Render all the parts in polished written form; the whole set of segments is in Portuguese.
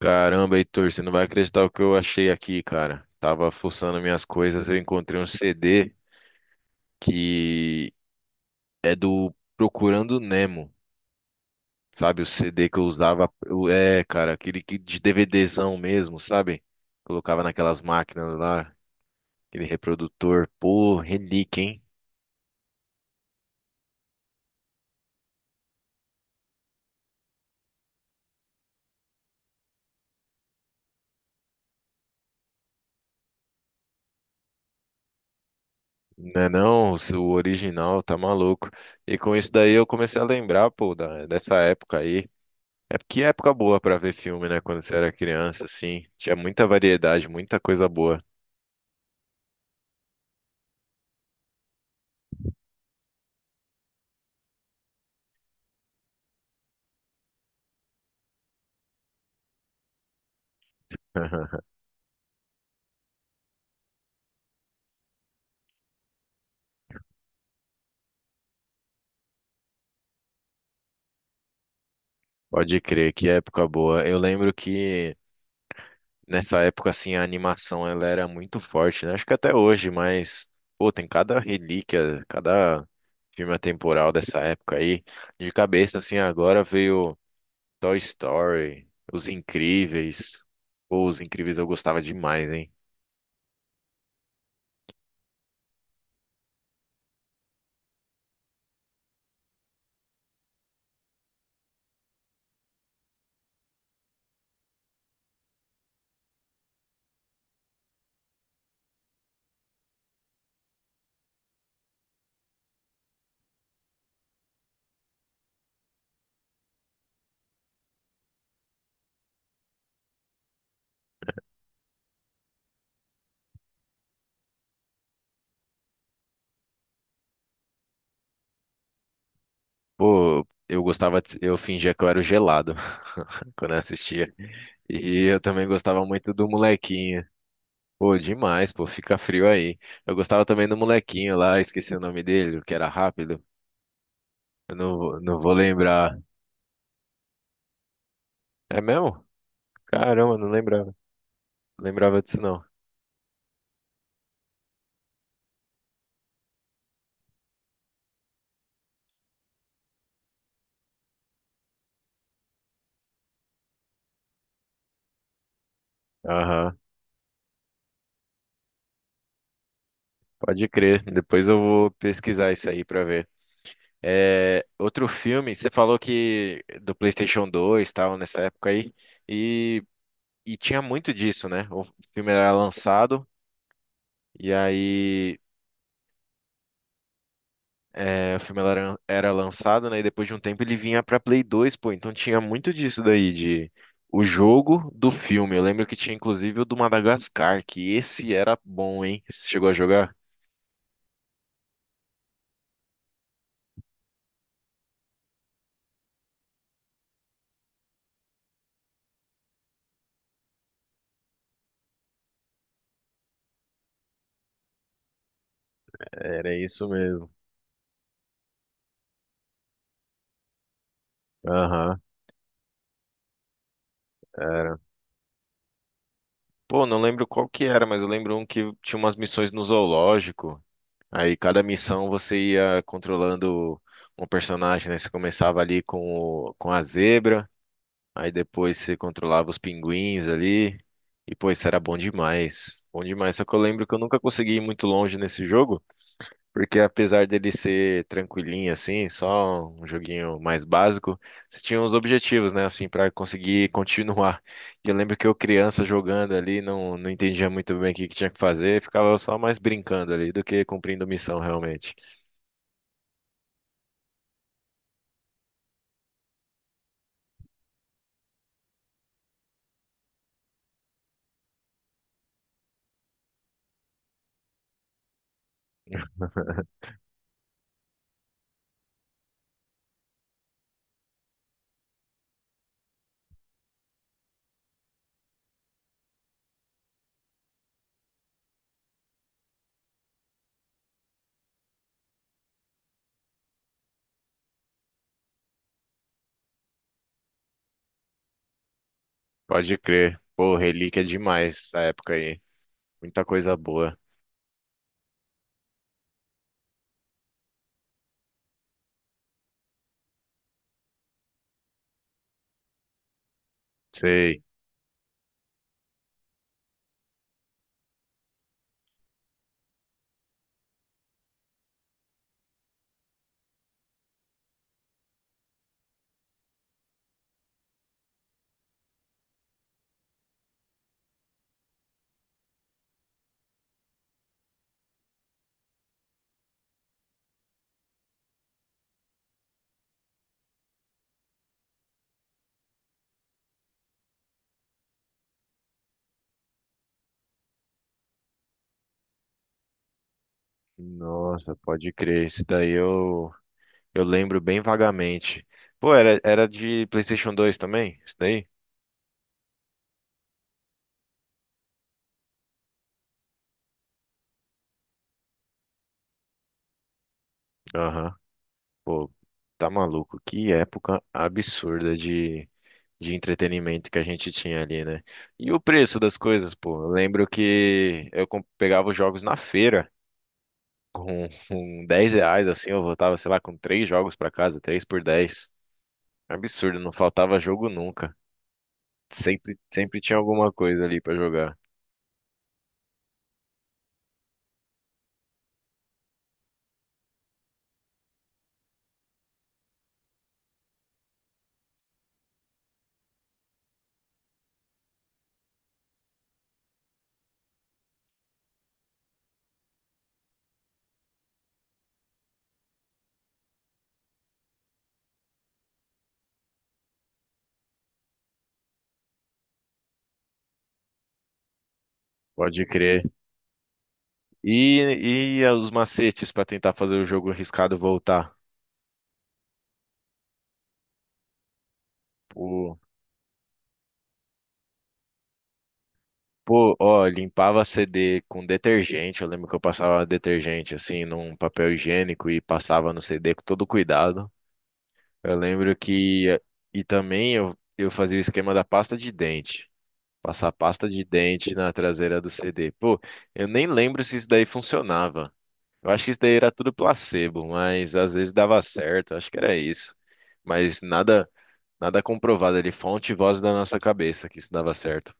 Caramba, Heitor, você não vai acreditar o que eu achei aqui, cara. Tava fuçando minhas coisas, eu encontrei um CD que é do Procurando Nemo, sabe? O CD que eu usava, cara, aquele que de DVDzão mesmo, sabe? Colocava naquelas máquinas lá, aquele reprodutor. Pô, relíquia, hein? Não é não, o seu original tá maluco. E com isso daí eu comecei a lembrar, pô, dessa época aí. É que época boa pra ver filme, né? Quando você era criança, assim. Tinha muita variedade, muita coisa boa. Pode crer, que época boa. Eu lembro que nessa época, assim, a animação ela era muito forte, né? Acho que até hoje, mas, pô, tem cada relíquia, cada filme atemporal dessa época aí. De cabeça, assim, agora veio Toy Story, Os Incríveis. Pô, Os Incríveis eu gostava demais, hein? Pô, eu gostava de... Eu fingia que eu era o gelado quando eu assistia. E eu também gostava muito do molequinho. Pô, demais, pô, fica frio aí. Eu gostava também do molequinho lá, esqueci o nome dele, que era rápido. Eu não, vou- não vou lembrar. É mesmo? Caramba, não lembrava. Não lembrava disso não. Aham, pode crer. Depois eu vou pesquisar isso aí pra ver. É, outro filme, você falou que do PlayStation 2 tal, nessa época aí. E, tinha muito disso, né? O filme era lançado. E aí É, o filme era lançado, né? E depois de um tempo ele vinha pra Play 2, pô. Então tinha muito disso daí, de o jogo do filme. Eu lembro que tinha inclusive o do Madagascar, que esse era bom, hein? Você chegou a jogar? Era isso mesmo. Aham, era. Pô, não lembro qual que era, mas eu lembro um que tinha umas missões no zoológico. Aí cada missão você ia controlando um personagem, né? Você começava ali com, com a zebra. Aí depois você controlava os pinguins ali. E, pô, isso era bom demais. Bom demais. Só que eu lembro que eu nunca consegui ir muito longe nesse jogo, porque apesar dele ser tranquilinho, assim, só um joguinho mais básico, você tinha uns objetivos, né, assim, pra conseguir continuar. E eu lembro que eu, criança, jogando ali, não entendia muito bem o que que tinha que fazer, ficava só mais brincando ali do que cumprindo missão, realmente. Pode crer. Pô, relíquia é demais essa época aí. Muita coisa boa. Sei. Nossa, pode crer. Eu lembro bem vagamente. Pô, era de PlayStation 2 também? Isso daí? Aham. Pô, tá maluco. Que época absurda de entretenimento que a gente tinha ali, né? E o preço das coisas, pô. Eu lembro que eu pegava os jogos na feira com 10 reais, assim. Eu voltava, sei lá, com três jogos pra casa, três por 10. Absurdo, não faltava jogo nunca. Sempre tinha alguma coisa ali pra jogar. Pode crer. E os macetes para tentar fazer o jogo arriscado voltar. Pô, pô, ó, limpava CD com detergente. Eu lembro que eu passava detergente assim num papel higiênico e passava no CD com todo cuidado. Eu lembro que também eu fazia o esquema da pasta de dente. Passar pasta de dente na traseira do CD. Pô, eu nem lembro se isso daí funcionava. Eu acho que isso daí era tudo placebo, mas às vezes dava certo. Acho que era isso. Mas nada Nada comprovado ali, fonte e voz da nossa cabeça que isso dava certo.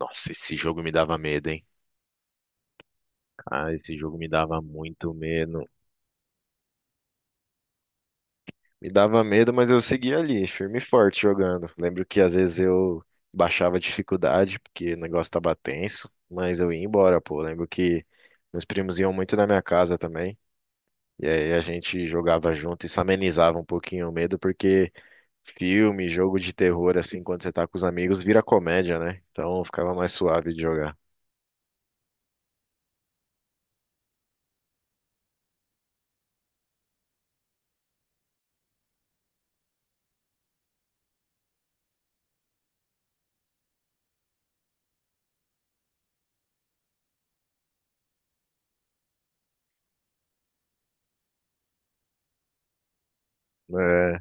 Nossa, esse jogo me dava medo, hein? Ah, esse jogo me dava muito medo. Me dava medo, mas eu seguia ali, firme e forte jogando. Lembro que às vezes eu baixava a dificuldade, porque o negócio tava tenso, mas eu ia embora, pô. Lembro que meus primos iam muito na minha casa também. E aí a gente jogava junto e se amenizava um pouquinho o medo, porque filme, jogo de terror, assim, quando você tá com os amigos, vira comédia, né? Então ficava mais suave de jogar. É,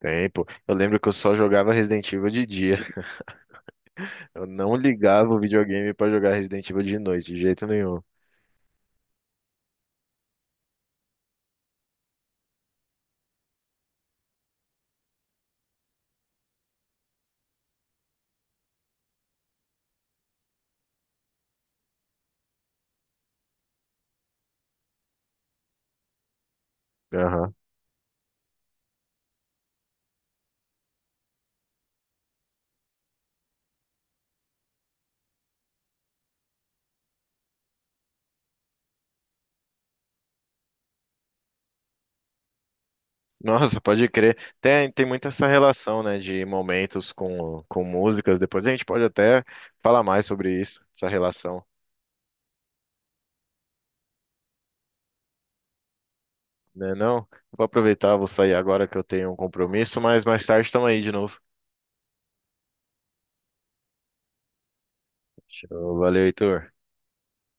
tempo. Eu lembro que eu só jogava Resident Evil de dia. Eu não ligava o videogame pra jogar Resident Evil de noite, de jeito nenhum. Aham. Nossa, pode crer. Tem muito essa relação, né, de momentos com músicas. Depois a gente pode até falar mais sobre isso, essa relação, né? Não? Vou aproveitar, vou sair agora que eu tenho um compromisso, mas mais tarde estamos aí de novo. Show, valeu, Heitor.